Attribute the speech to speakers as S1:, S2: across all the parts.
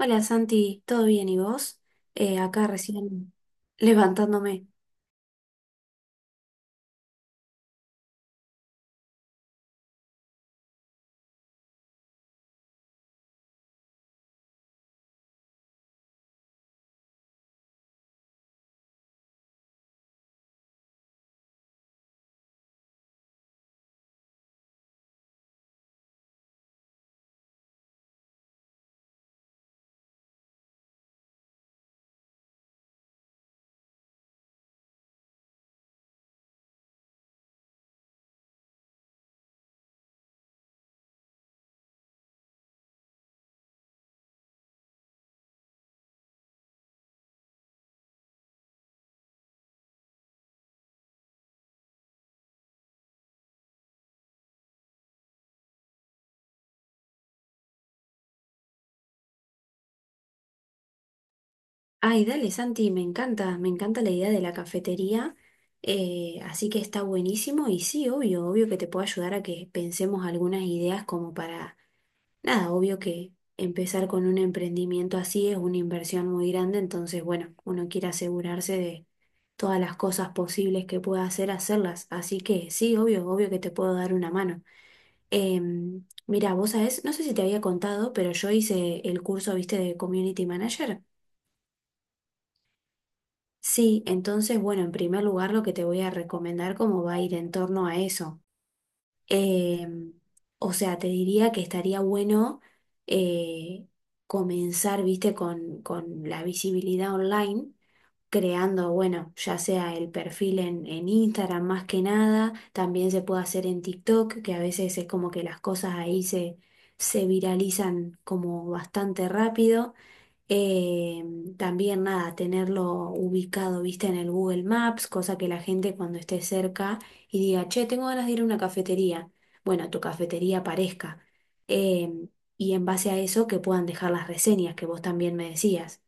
S1: Hola Santi, ¿todo bien y vos? Acá recién levantándome. Ay, dale Santi, me encanta la idea de la cafetería, así que está buenísimo y sí, obvio, obvio que te puedo ayudar a que pensemos algunas ideas como para, nada, obvio que empezar con un emprendimiento así es una inversión muy grande, entonces bueno, uno quiere asegurarse de todas las cosas posibles que pueda hacer, hacerlas, así que sí, obvio, obvio que te puedo dar una mano. Mira, vos sabés, no sé si te había contado, pero yo hice el curso, viste, de Community Manager. Sí, entonces, bueno, en primer lugar lo que te voy a recomendar como va a ir en torno a eso. Em, o sea, te diría que estaría bueno eh, comenzar, viste, con la visibilidad online, creando, bueno, ya sea el perfil en Instagram más que nada, también se puede hacer en TikTok, que a veces es como que las cosas ahí se viralizan como bastante rápido. Eh, también nada, tenerlo ubicado, viste, en el Google Maps, cosa que la gente cuando esté cerca y diga, che, tengo ganas de ir a una cafetería. Bueno, tu cafetería aparezca. Eh, y en base a eso que puedan dejar las reseñas que vos también me decías.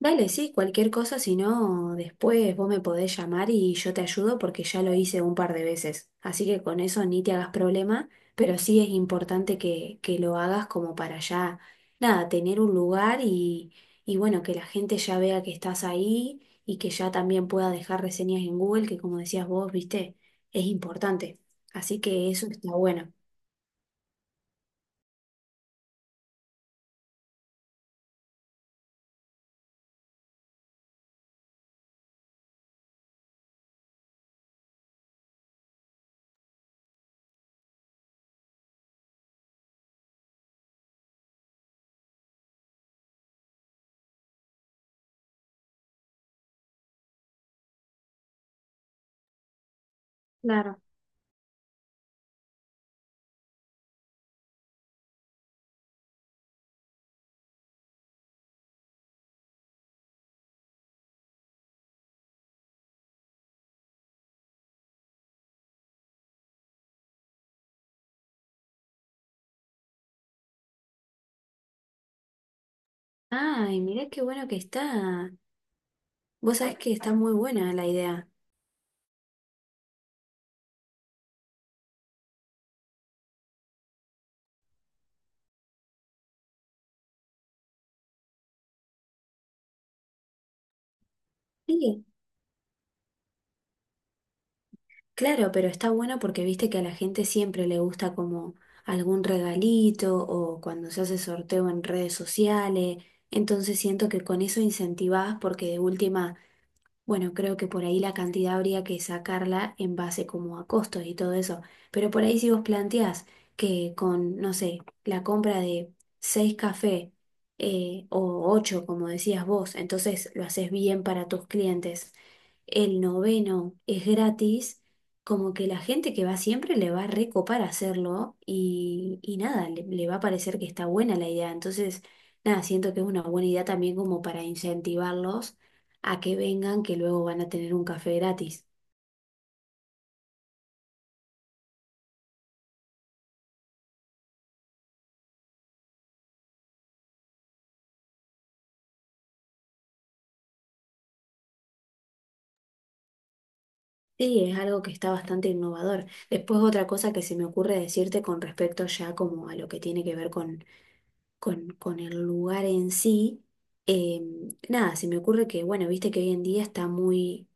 S1: Dale, sí, cualquier cosa, si no, después vos me podés llamar y yo te ayudo porque ya lo hice un par de veces. Así que con eso ni te hagas problema, pero sí es importante que lo hagas como para ya, nada, tener un lugar y bueno, que la gente ya vea que estás ahí y que ya también pueda dejar reseñas en Google, que como decías vos, viste, es importante. Así que eso está bueno. Claro. Ay, mirá qué bueno que está. Vos sabés que está muy buena la idea. Sí. Claro, pero está bueno porque viste que a la gente siempre le gusta como algún regalito o cuando se hace sorteo en redes sociales. Entonces siento que con eso incentivás porque de última, bueno, creo que por ahí la cantidad habría que sacarla en base como a costos y todo eso. Pero por ahí si vos planteás que con, no sé, la compra de seis cafés o ocho, como decías vos, entonces lo haces bien para tus clientes, el noveno es gratis, como que la gente que va siempre le va a recopar hacerlo y nada, le va a parecer que está buena la idea. Entonces, nada, siento que es una buena idea también como para incentivarlos a que vengan, que luego van a tener un café gratis. Sí, es algo que está bastante innovador. Después otra cosa que se me ocurre decirte con respecto ya como a lo que tiene que ver con el lugar en sí. Nada, se me ocurre que, bueno, viste que hoy en día está muy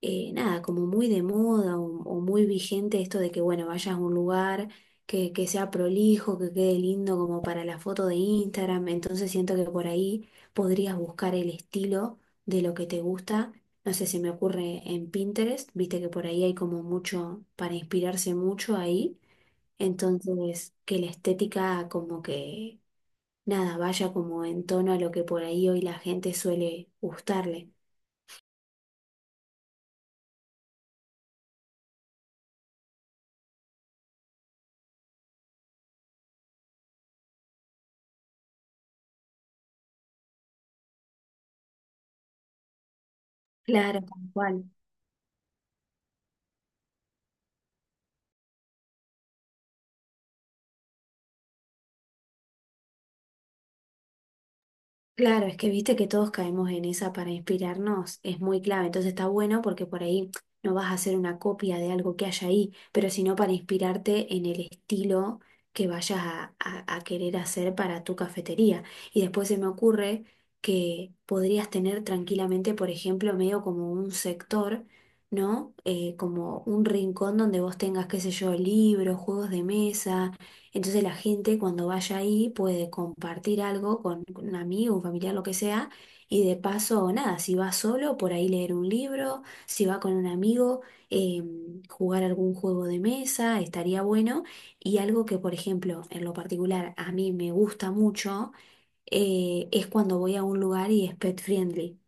S1: nada, como muy de moda o muy vigente esto de que, bueno, vayas a un lugar que sea prolijo, que quede lindo como para la foto de Instagram. Entonces siento que por ahí podrías buscar el estilo de lo que te gusta. No sé, se me ocurre en Pinterest, viste que por ahí hay como mucho para inspirarse mucho ahí. Entonces, que la estética como que, nada, vaya como en tono a lo que por ahí hoy la gente suele gustarle. Claro, tal cual. Claro, es que viste que todos caemos en esa para inspirarnos, es muy clave, entonces está bueno porque por ahí no vas a hacer una copia de algo que haya ahí, pero sino para inspirarte en el estilo que vayas a querer hacer para tu cafetería. Y después se me ocurre que podrías tener tranquilamente, por ejemplo, medio como un sector, ¿no? Como un rincón donde vos tengas, qué sé yo, libros, juegos de mesa, entonces la gente cuando vaya ahí puede compartir algo con un amigo, un familiar, lo que sea, y de paso, nada, si va solo, por ahí leer un libro, si va con un amigo, eh, jugar algún juego de mesa, estaría bueno. Y algo que, por ejemplo, en lo particular a mí me gusta mucho, es cuando voy a un lugar y es pet friendly.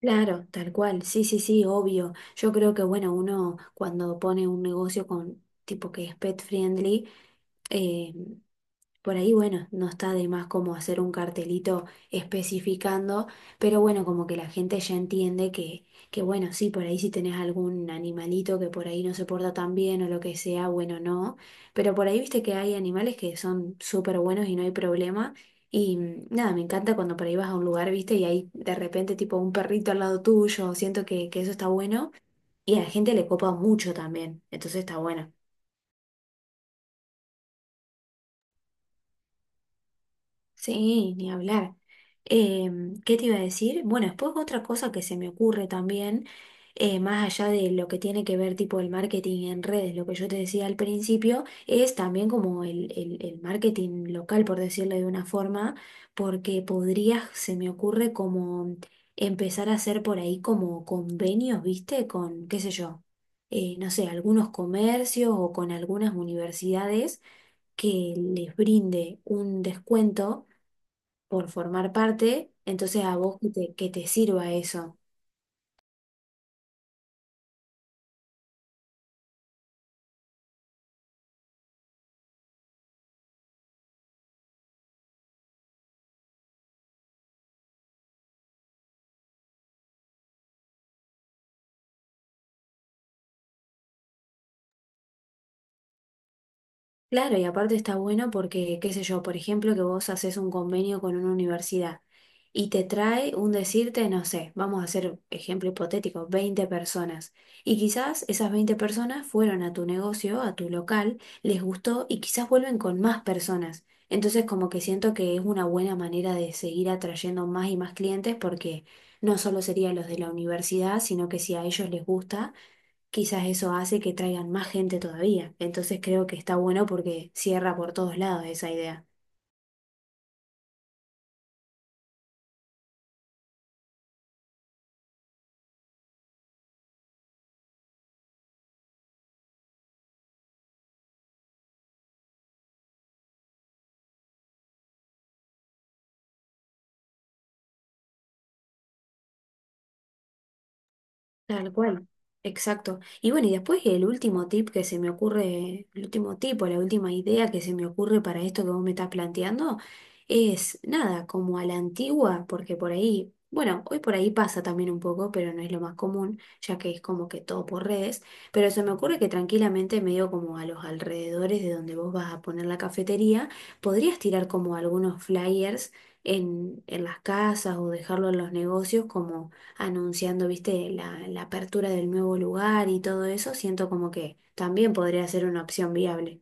S1: Claro, tal cual, sí, sí, sí, obvio. Yo creo que, bueno, uno cuando pone un negocio con tipo que es pet friendly, eh, por ahí, bueno, no está de más como hacer un cartelito especificando, pero bueno, como que la gente ya entiende que bueno, sí, por ahí si tenés algún animalito que por ahí no se porta tan bien o lo que sea, bueno, no, pero por ahí viste que hay animales que son súper buenos y no hay problema, y nada, me encanta cuando por ahí vas a un lugar, viste, y hay de repente tipo un perrito al lado tuyo, siento que eso está bueno, y a la gente le copa mucho también, entonces está bueno. Sí, ni hablar. ¿Qué te iba a decir? Bueno, después otra cosa que se me ocurre también, más allá de lo que tiene que ver tipo el marketing en redes, lo que yo te decía al principio, es también como el marketing local, por decirlo de una forma, porque podrías, se me ocurre como empezar a hacer por ahí como convenios, ¿viste? Con, qué sé yo, no sé, algunos comercios o con algunas universidades que les brinde un descuento por formar parte, entonces a vos que te sirva eso. Claro, y aparte está bueno porque, qué sé yo, por ejemplo, que vos haces un convenio con una universidad y te trae un decirte, no sé, vamos a hacer ejemplo hipotético, 20 personas. Y quizás esas 20 personas fueron a tu negocio, a tu local, les gustó y quizás vuelven con más personas. Entonces como que siento que es una buena manera de seguir atrayendo más y más clientes porque no solo serían los de la universidad, sino que si a ellos les gusta, quizás eso hace que traigan más gente todavía. Entonces creo que está bueno porque cierra por todos lados esa idea. Tal cual, exacto. Y bueno, y después el último tip que se me ocurre, el último tip o la última idea que se me ocurre para esto que vos me estás planteando es nada, como a la antigua, porque por ahí, bueno, hoy por ahí pasa también un poco, pero no es lo más común, ya que es como que todo por redes, pero se me ocurre que tranquilamente medio como a los alrededores de donde vos vas a poner la cafetería, podrías tirar como algunos flyers en las casas o dejarlo en los negocios como anunciando, viste, la apertura del nuevo lugar y todo eso, siento como que también podría ser una opción viable.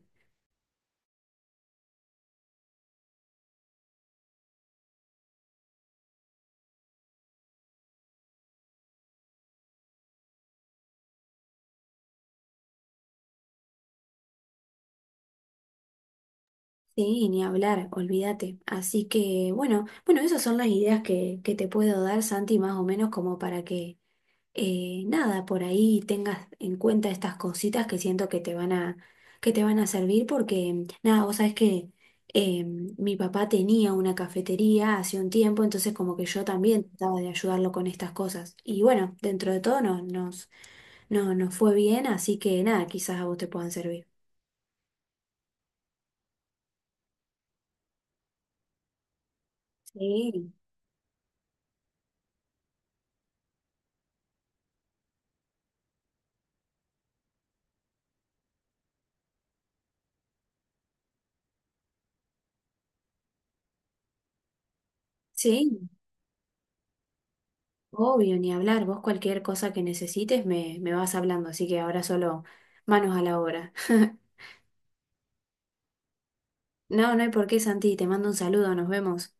S1: Sí, ni hablar, olvídate. Así que, bueno, bueno, esas son las ideas que te puedo dar, Santi, más o menos como para que nada, por ahí tengas en cuenta estas cositas que siento que te van a, que te van a servir porque, nada, vos sabés que eh, mi papá tenía una cafetería hace un tiempo, entonces como que yo también trataba de ayudarlo con estas cosas. Y bueno, dentro de todo no, nos fue bien, así que nada, quizás a vos te puedan servir. Sí, sí, obvio, ni hablar. Vos cualquier cosa que necesites me vas hablando, así que ahora solo manos a la obra. No, no hay por qué, Santi. Te mando un saludo. Nos vemos.